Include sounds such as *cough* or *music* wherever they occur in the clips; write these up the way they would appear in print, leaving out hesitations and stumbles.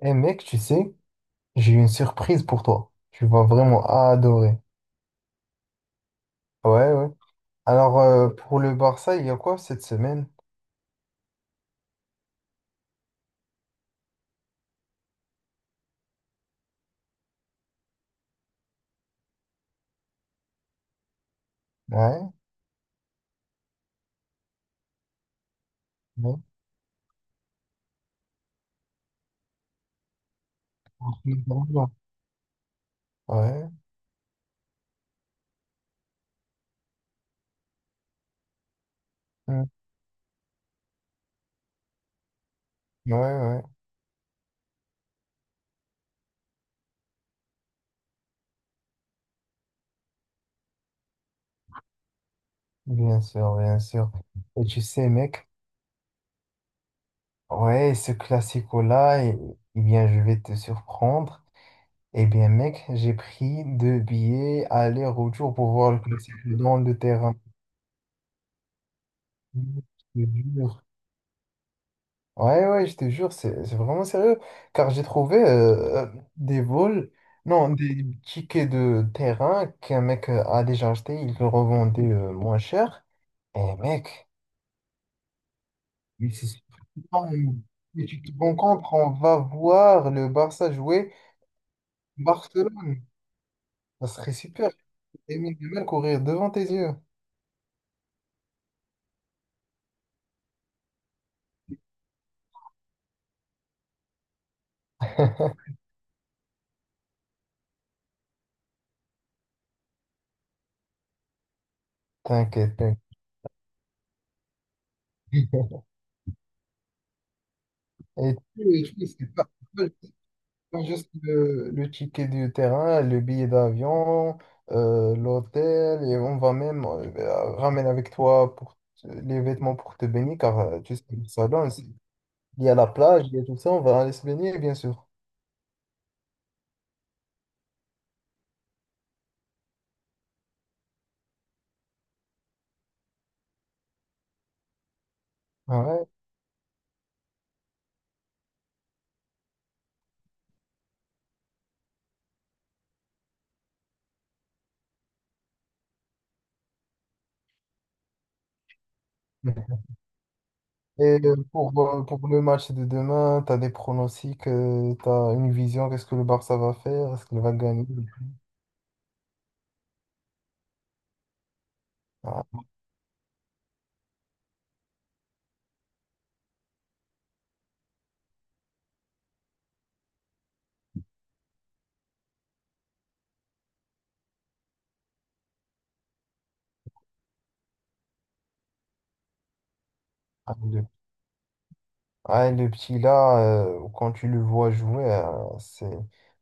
Eh mec, tu sais, j'ai une surprise pour toi. Tu vas vraiment adorer. Ouais, ouais. Alors, pour le Barça, il y a quoi cette semaine? Ouais, ouais. Ouais, Mm. Ouais, ouais. Bien sûr, bien sûr. Et tu sais, mec, ouais, ce classico-là, eh bien, je vais te surprendre. Eh bien, mec, j'ai pris deux billets aller-retour pour voir le classico dans le terrain. Je te jure. Ouais, ouais, je te jure, c'est vraiment sérieux. Car j'ai trouvé des vols, non, des tickets de terrain qu'un mec a déjà acheté, il le revendait moins cher. Et mec, mais c'est super. Mais tu te rends compte, on va voir le Barça jouer Barcelone. Ça serait super. Lamine Yamal courir devant tes yeux. *laughs* T'inquiète, t'inquiète. Et tu sais pas. Non, juste le ticket du terrain, le billet d'avion, l'hôtel, et on va même ben, ramener avec toi pour les vêtements pour te baigner, car tu sais, le salon, il y a la plage, il y a tout ça, on va aller se baigner, bien sûr. Ouais. Et pour le match de demain, tu as des pronostics, tu as une vision, qu'est-ce que le Barça va faire, est-ce qu'il va gagner? Ah, ah, ah, et le petit là, quand tu le vois jouer, c'est.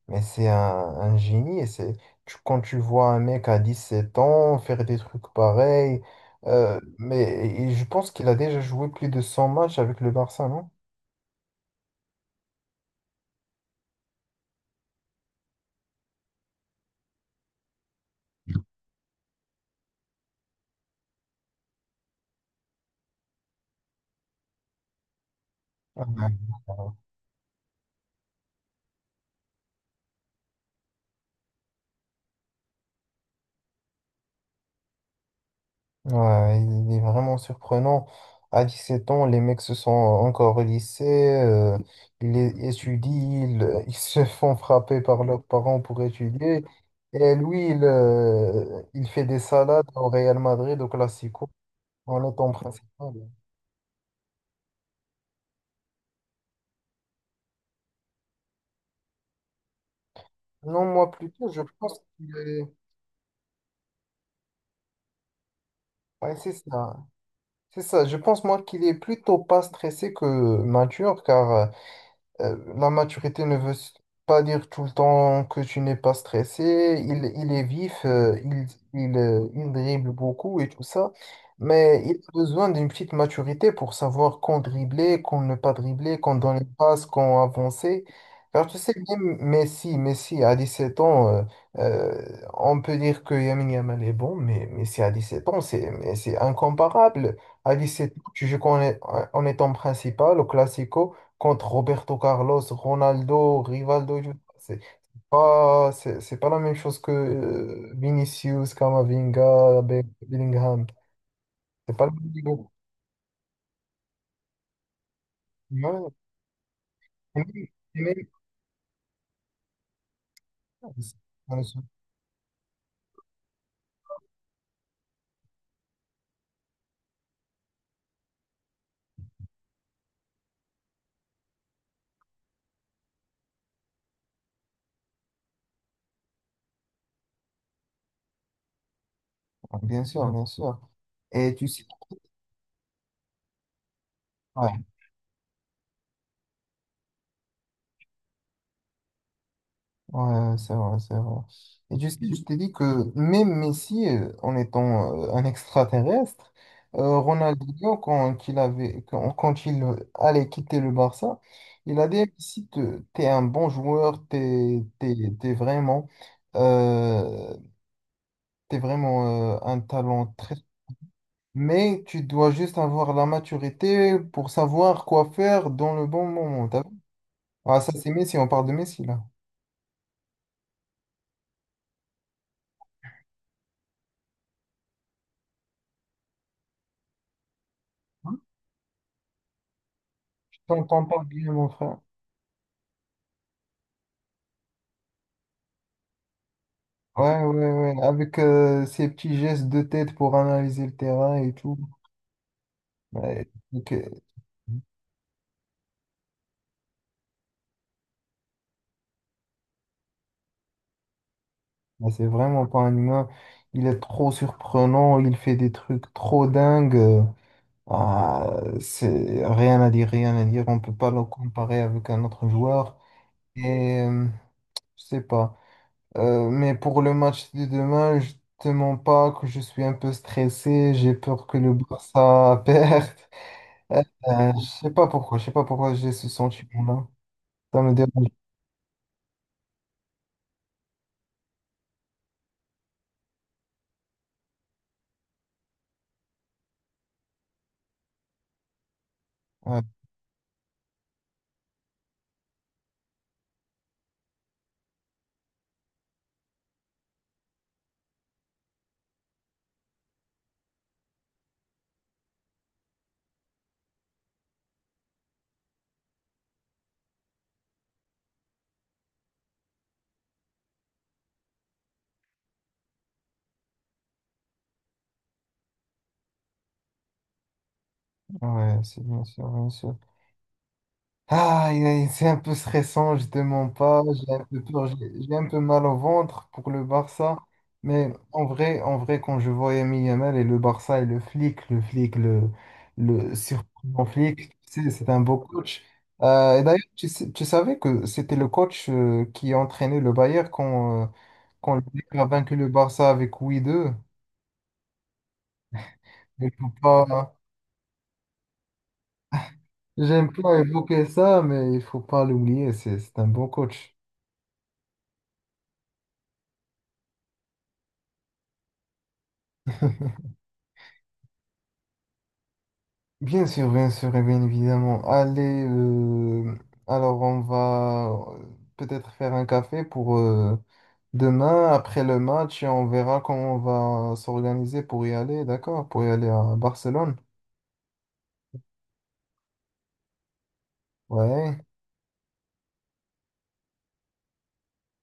Mais c'est un génie. Quand tu vois un mec à 17 ans faire des trucs pareils, euh, mais et je pense qu'il a déjà joué plus de 100 matchs avec le Barça, non? Ah ouais. Ouais, il est vraiment surprenant. À 17 ans, les mecs se sont encore au lycée, euh, étudient, *laughs* ils se font frapper par leurs parents pour étudier. Et lui, il fait des salades au Real Madrid, au Classico, en étant principal. Non, moi plutôt, je pense qu'il est. Ouais, c'est ça. C'est ça. Je pense, moi, qu'il est plutôt pas stressé que mature, car la maturité ne veut pas dire tout le temps que tu n'es pas stressé. Il est vif, il dribble beaucoup et tout ça. Mais il a besoin d'une petite maturité pour savoir quand dribbler, quand ne pas dribbler, quand donner une passe, quand avancer. Car tu sais, même Messi à 17 ans, euh, on peut dire que Yamin Yamal est bon, mais Messi à 17 ans, c'est mais c'est incomparable. À 17 ans, tu joues en étant principal au Classico contre Roberto Carlos, Ronaldo, Rivaldo, c'est pas, c'est pas la même chose que Vinicius, Camavinga, Bellingham. C'est pas le même niveau. Ouais, et même- et même- bien sûr, bien sûr. Et tu sais, ouais, c'est vrai, c'est vrai. Et tu sais, je t'ai dit que même Messi, en étant un extraterrestre, Ronaldinho, quand, qu'il avait, quand, quand il allait quitter le Barça, il a dit, si t'es un bon joueur, euh, t'es vraiment un talent très. Mais tu dois juste avoir la maturité pour savoir quoi faire dans le bon moment. T'as vu. Ah, ça, c'est Messi, on parle de Messi, là. Je t'entends pas bien, mon frère. Ouais, ouais, ouais, avec ces petits gestes de tête pour analyser le terrain et tout. Ouais, donc, ouais, c'est vraiment pas un humain. Il est trop surprenant, il fait des trucs trop dingues. Ah, c'est rien à dire, rien à dire. On peut pas le comparer avec un autre joueur. Et je sais pas. Mais pour le match de demain, je te mens pas que je suis un peu stressé. J'ai peur que le Barça perde. *laughs* Je sais pas pourquoi j'ai ce sentiment-là. Ça me dérange. Ouais, ouais, c'est bien sûr, bien sûr. Ah, c'est un peu stressant, je te mens pas. J'ai un peu peur, j'ai un peu mal au ventre pour le Barça. Mais en vrai, quand je vois Lamine Yamal et le Barça et le surprenant flic, tu sais, c'est un beau coach. Et d'ailleurs, tu savais que c'était le coach qui entraînait le Bayern quand le Bayern a vaincu le Barça avec 8-2. Il faut pas. Hein. J'aime pas évoquer ça, mais il faut pas l'oublier, c'est un bon coach. *laughs* Bien sûr, et bien évidemment. Allez, alors on va euh, peut-être faire un café pour demain, après le match, et on verra comment on va s'organiser pour y aller, d'accord? Pour y aller à Barcelone. Ouais.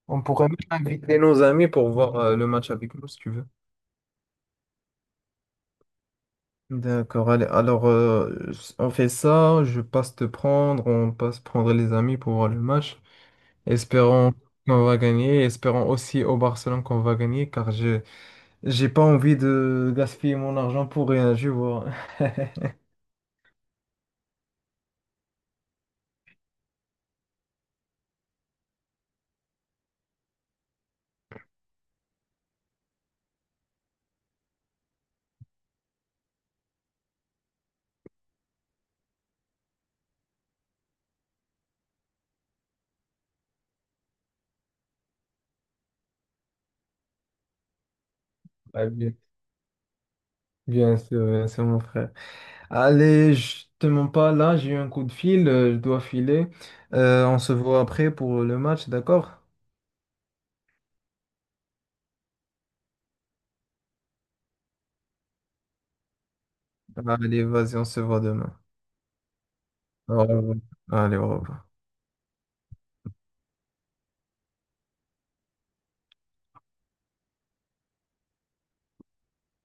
On pourrait même inviter nos amis pour voir le match avec nous, si tu veux. D'accord, allez. Alors, on fait ça, je passe te prendre, on passe prendre les amis pour voir le match. Espérons qu'on va gagner. Espérons aussi au Barcelone qu'on va gagner, car je j'ai pas envie de gaspiller mon argent pour rien, je vois. *laughs* Ah, bien, bien sûr, mon frère. Allez, je te mens pas là, j'ai eu un coup de fil, je dois filer. On se voit après pour le match, d'accord? Allez, vas-y, on se voit demain. Au revoir. Allez, au revoir.